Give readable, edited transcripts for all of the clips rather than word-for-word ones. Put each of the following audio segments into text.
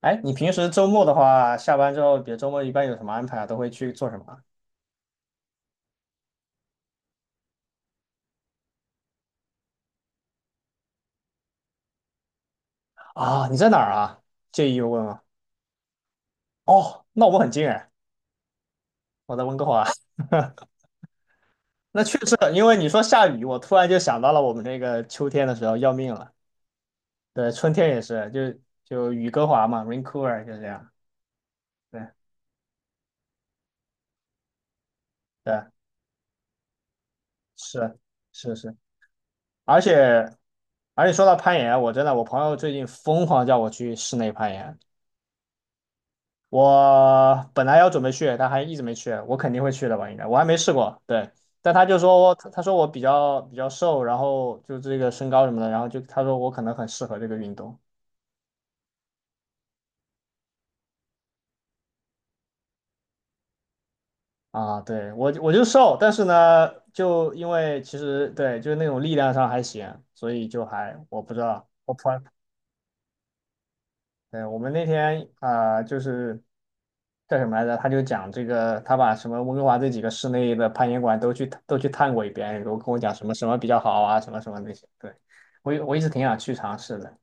哎，你平时周末的话，下班之后，比如周末一般有什么安排啊？都会去做什么啊？啊，你在哪儿啊？介意又问吗？哦，那我们很近哎，我在温哥华。那确实，因为你说下雨，我突然就想到了我们这个秋天的时候要命了。对，春天也是，就雨哥华嘛， r a i n c o u v e r 就这样。对对，是是是，而且而且说到攀岩啊，我真的我朋友最近疯狂叫我去室内攀岩，我本来要准备去，但还一直没去。我肯定会去的吧？应该我还没试过。对，但他就说他说我比较瘦，然后就这个身高什么的，然后就他说我可能很适合这个运动啊。对我就瘦，但是呢，就因为其实对就是那种力量上还行，所以就还我不知道我突然对我们那天啊、就是叫什么来着？他就讲这个，他把什么温哥华这几个室内的攀岩馆都去探过一遍，然后跟我讲什么什么比较好啊，什么什么那些。对，我一直挺想去尝试的。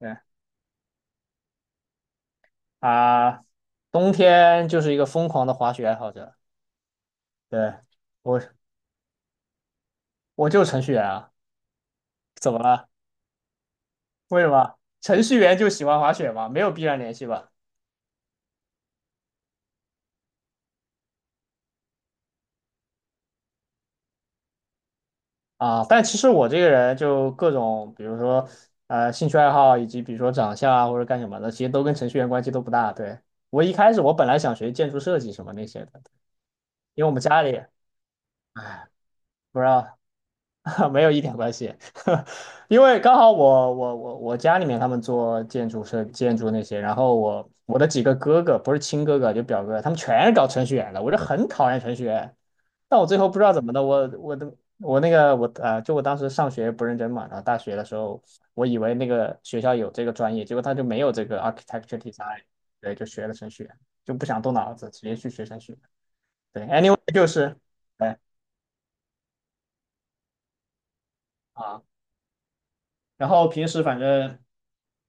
对啊，冬天就是一个疯狂的滑雪爱好者。对，我我就是程序员啊，怎么了？为什么？程序员就喜欢滑雪吗？没有必然联系吧？啊，但其实我这个人就各种，比如说兴趣爱好，以及比如说长相啊或者干什么的，其实都跟程序员关系都不大。对，我一开始我本来想学建筑设计什么那些的，因为我们家里不知道 没有一点关系，因为刚好我家里面他们做建筑设建筑那些，然后我的几个哥哥不是亲哥哥就表哥，他们全是搞程序员的，我就很讨厌程序员，但我最后不知道怎么的，我的我那个我就我当时上学不认真嘛，然后大学的时候我以为那个学校有这个专业，结果他就没有这个 architecture design，对，就学了程序员，就不想动脑子，直接去学程序员。对，anyway 就是对啊。然后平时反正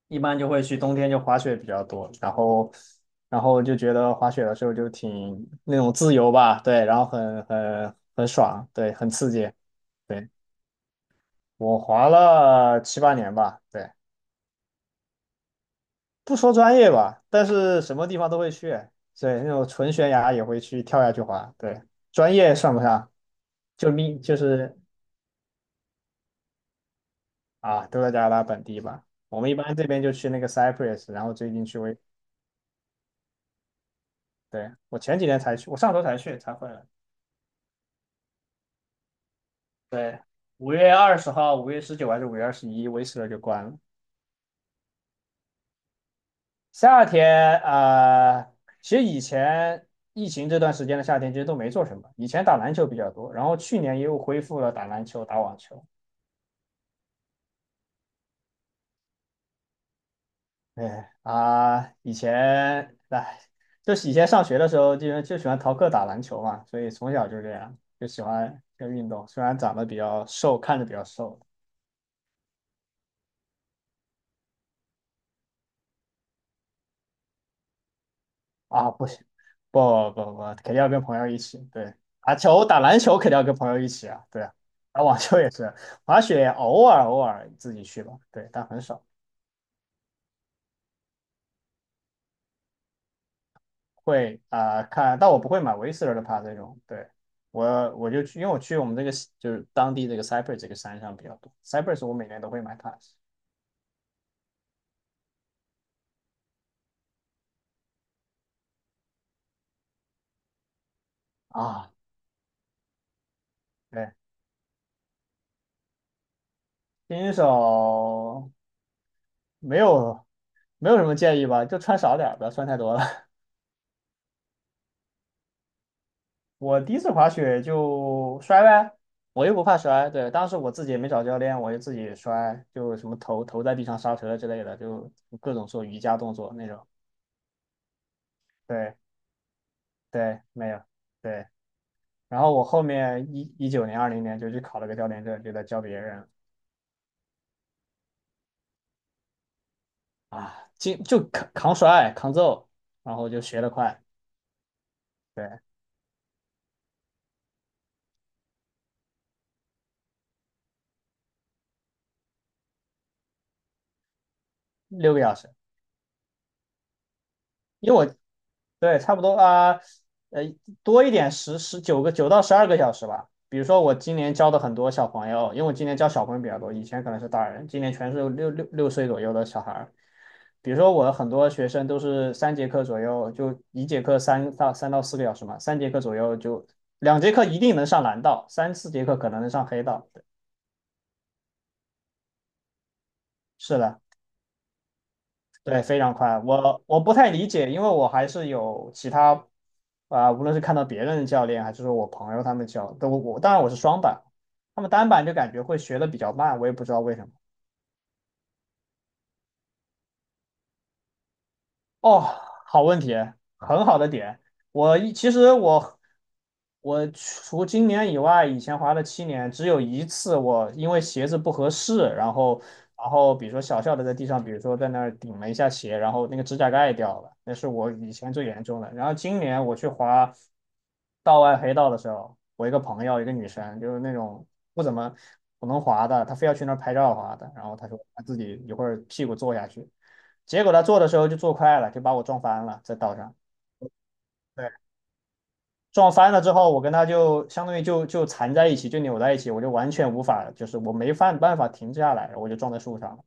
一般就会去冬天就滑雪比较多，然后然后就觉得滑雪的时候就挺那种自由吧，对，然后很爽，对，很刺激。对，我滑了七八年吧，对，不说专业吧，但是什么地方都会去，对，那种纯悬崖也会去跳下去滑，对，专业算不上，就命就是啊，都在加拿大本地吧。我们一般这边就去那个 c y p r u s s 然后最近去威对，我前几天才去，我上周才去才回来。对，5月20号、5月19还是5月21，威斯勒就关了。夏天啊、其实以前疫情这段时间的夏天其实都没做什么，以前打篮球比较多，然后去年又恢复了打篮球、打网球。哎啊、以前哎，就是以前上学的时候就喜欢逃课打篮球嘛，所以从小就这样，就喜欢这个运动。虽然长得比较瘦，看着比较瘦，啊，不行，不不不，肯定要跟朋友一起。对，打球、打篮球肯定要跟朋友一起啊。对啊，打网球也是，滑雪偶尔自己去吧。对，但很少会啊、看，但我不会买维斯勒的帕这种。对，我就去，因为我去我们这个就是当地这个 Cypress 这个山上比较多。Cypress 我每年都会买帕啊。对，新手没有没有什么建议吧，就穿少点儿不要穿太多了。我第一次滑雪就摔呗，我又不怕摔。对，当时我自己也没找教练，我就自己摔，就什么头在地上刹车之类的，就各种做瑜伽动作那种。对对，没有对。然后我后面一九年、2020年就去考了个教练证，就在教别人啊，就扛摔、扛揍，然后就学得快，对，6个小时。因为我对，差不多啊，呃，多一点十十九个9到12个小时吧。比如说我今年教的很多小朋友，因为我今年教小朋友比较多，以前可能是大人，今年全是6岁左右的小孩儿。比如说我很多学生都是三节课左右，就一节课3到4个小时嘛，三节课左右就2节课一定能上蓝道，3、4节课可能能上黑道。对是的。对，非常快。我不太理解，因为我还是有其他啊、无论是看到别人的教练，还是说我朋友他们教，都我当然我是双板，他们单板就感觉会学的比较慢，我也不知道为什么。哦，好问题，很好的点。我一其实我我除今年以外，以前滑了7年，只有一次我因为鞋子不合适，然后然后比如说小小的在地上，比如说在那儿顶了一下鞋，然后那个指甲盖掉了，那是我以前最严重的。然后今年我去滑道外黑道的时候，我一个朋友，一个女生，就是那种不怎么不能滑的，她非要去那儿拍照滑的，然后她说她自己一会儿屁股坐下去。结果他做的时候就做快了，就把我撞翻了，在道上。对，撞翻了之后，我跟他就相当于就缠在一起，就扭在一起，我就完全无法，就是我没办法停下来，我就撞在树上了，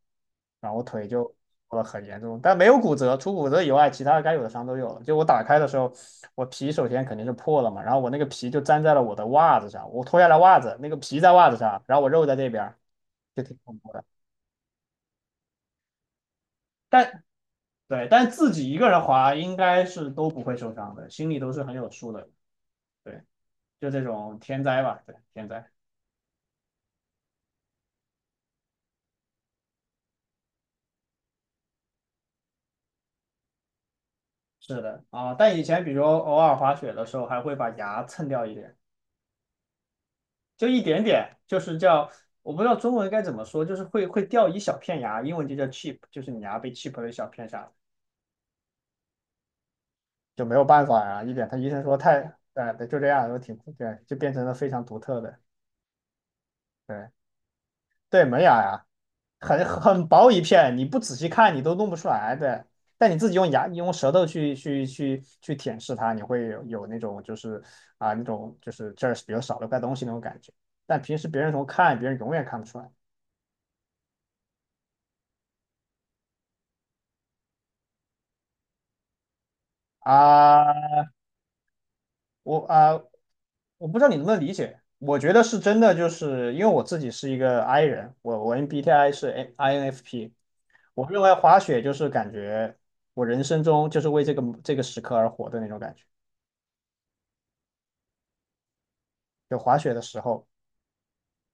然后我腿就受了很严重，但没有骨折，除骨折以外，其他该有的伤都有了。就我打开的时候，我皮首先肯定是破了嘛，然后我那个皮就粘在了我的袜子上，我脱下来袜子，那个皮在袜子上，然后我肉在这边就挺恐怖的。但对，但自己一个人滑应该是都不会受伤的，心里都是很有数的。对，就这种天灾吧，对，天灾是的啊。但以前比如偶尔滑雪的时候，还会把牙蹭掉一点，就一点点，就是叫我不知道中文该怎么说，就是会掉一小片牙，英文就叫 chip,就是你牙被 chip 了一小片下来，就没有办法呀、一点他医生说太，对对，就这样，就挺对，就变成了非常独特的，对对，门牙呀。很很薄一片，你不仔细看你都弄不出来对，但你自己用牙、你用舌头去舔舐它，你会有那种就是啊那种就是这儿比较少的块东西那种感觉。但平时别人从看，别人永远看不出来啊。我啊，我不知道你能不能理解。我觉得是真的，就是因为我自己是一个 I 人，我 MBTI 是 N- INFP。我认为滑雪就是感觉我人生中就是为这个时刻而活的那种感觉。就滑雪的时候。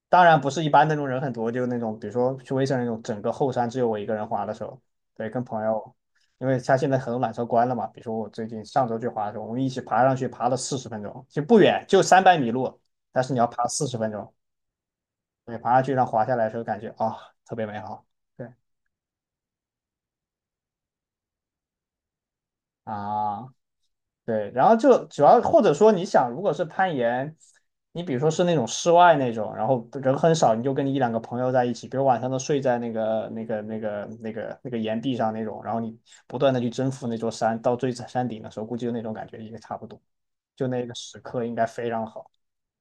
当然不是一般那种人很多，就那种比如说去威森那种整个后山只有我一个人滑的时候，对，跟朋友，因为他现在很多缆车关了嘛，比如说我最近上周去滑的时候，我们一起爬上去，爬了四十分钟，其实不远，就300米路，但是你要爬四十分钟，对，爬上去让滑下来的时候感觉啊、特别美好，对啊，对，然后就主要或者说你想，如果是攀岩，你比如说是那种室外那种，然后人很少，你就跟你一两个朋友在一起，比如晚上都睡在那个岩壁上那种，然后你不断的去征服那座山，到最山顶的时候，估计就那种感觉也差不多，就那个时刻应该非常好。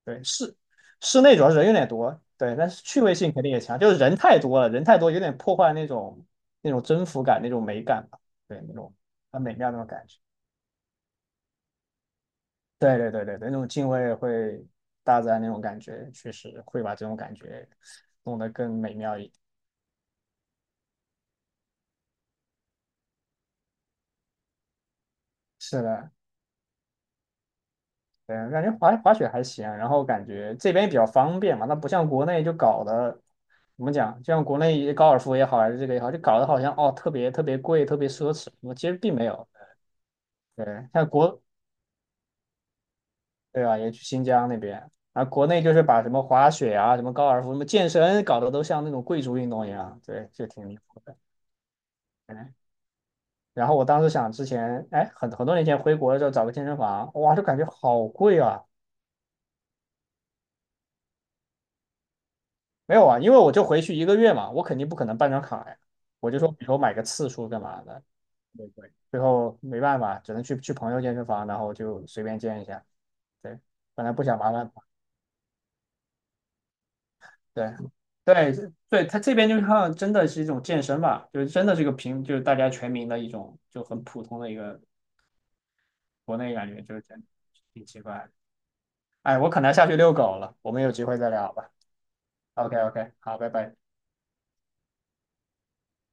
对，室内主要是人有点多，对，但是趣味性肯定也强，就是人太多了，人太多有点破坏那种征服感、那种美感吧，对，那种很美妙那种感觉。对对对对对，那种敬畏会大自然那种感觉，确实会把这种感觉弄得更美妙一点。是的，对，感觉滑雪还行啊，然后感觉这边比较方便嘛，它不像国内就搞得怎么讲，就像国内高尔夫也好，还是这个也好，就搞得好像哦特别特别贵，特别奢侈。我其实并没有，对，像国对吧，也去新疆那边，啊，国内就是把什么滑雪啊、什么高尔夫、什么健身搞得都像那种贵族运动一样，对，就挺离谱的。然后我当时想，之前哎，很多年前回国的时候找个健身房，哇，就感觉好贵啊。没有啊，因为我就回去一个月嘛，我肯定不可能办张卡呀。我就说以后买个次数干嘛的，对对，最后没办法，只能去朋友健身房，然后就随便健一下。对，本来不想麻烦对对对，他这边就像真的是一种健身吧，就是真的是个平，就是大家全民的一种，就很普通的一个国内感觉，就是真的挺奇怪的。哎，我可能要下去遛狗了，我们有机会再聊吧。OK OK，好，拜拜。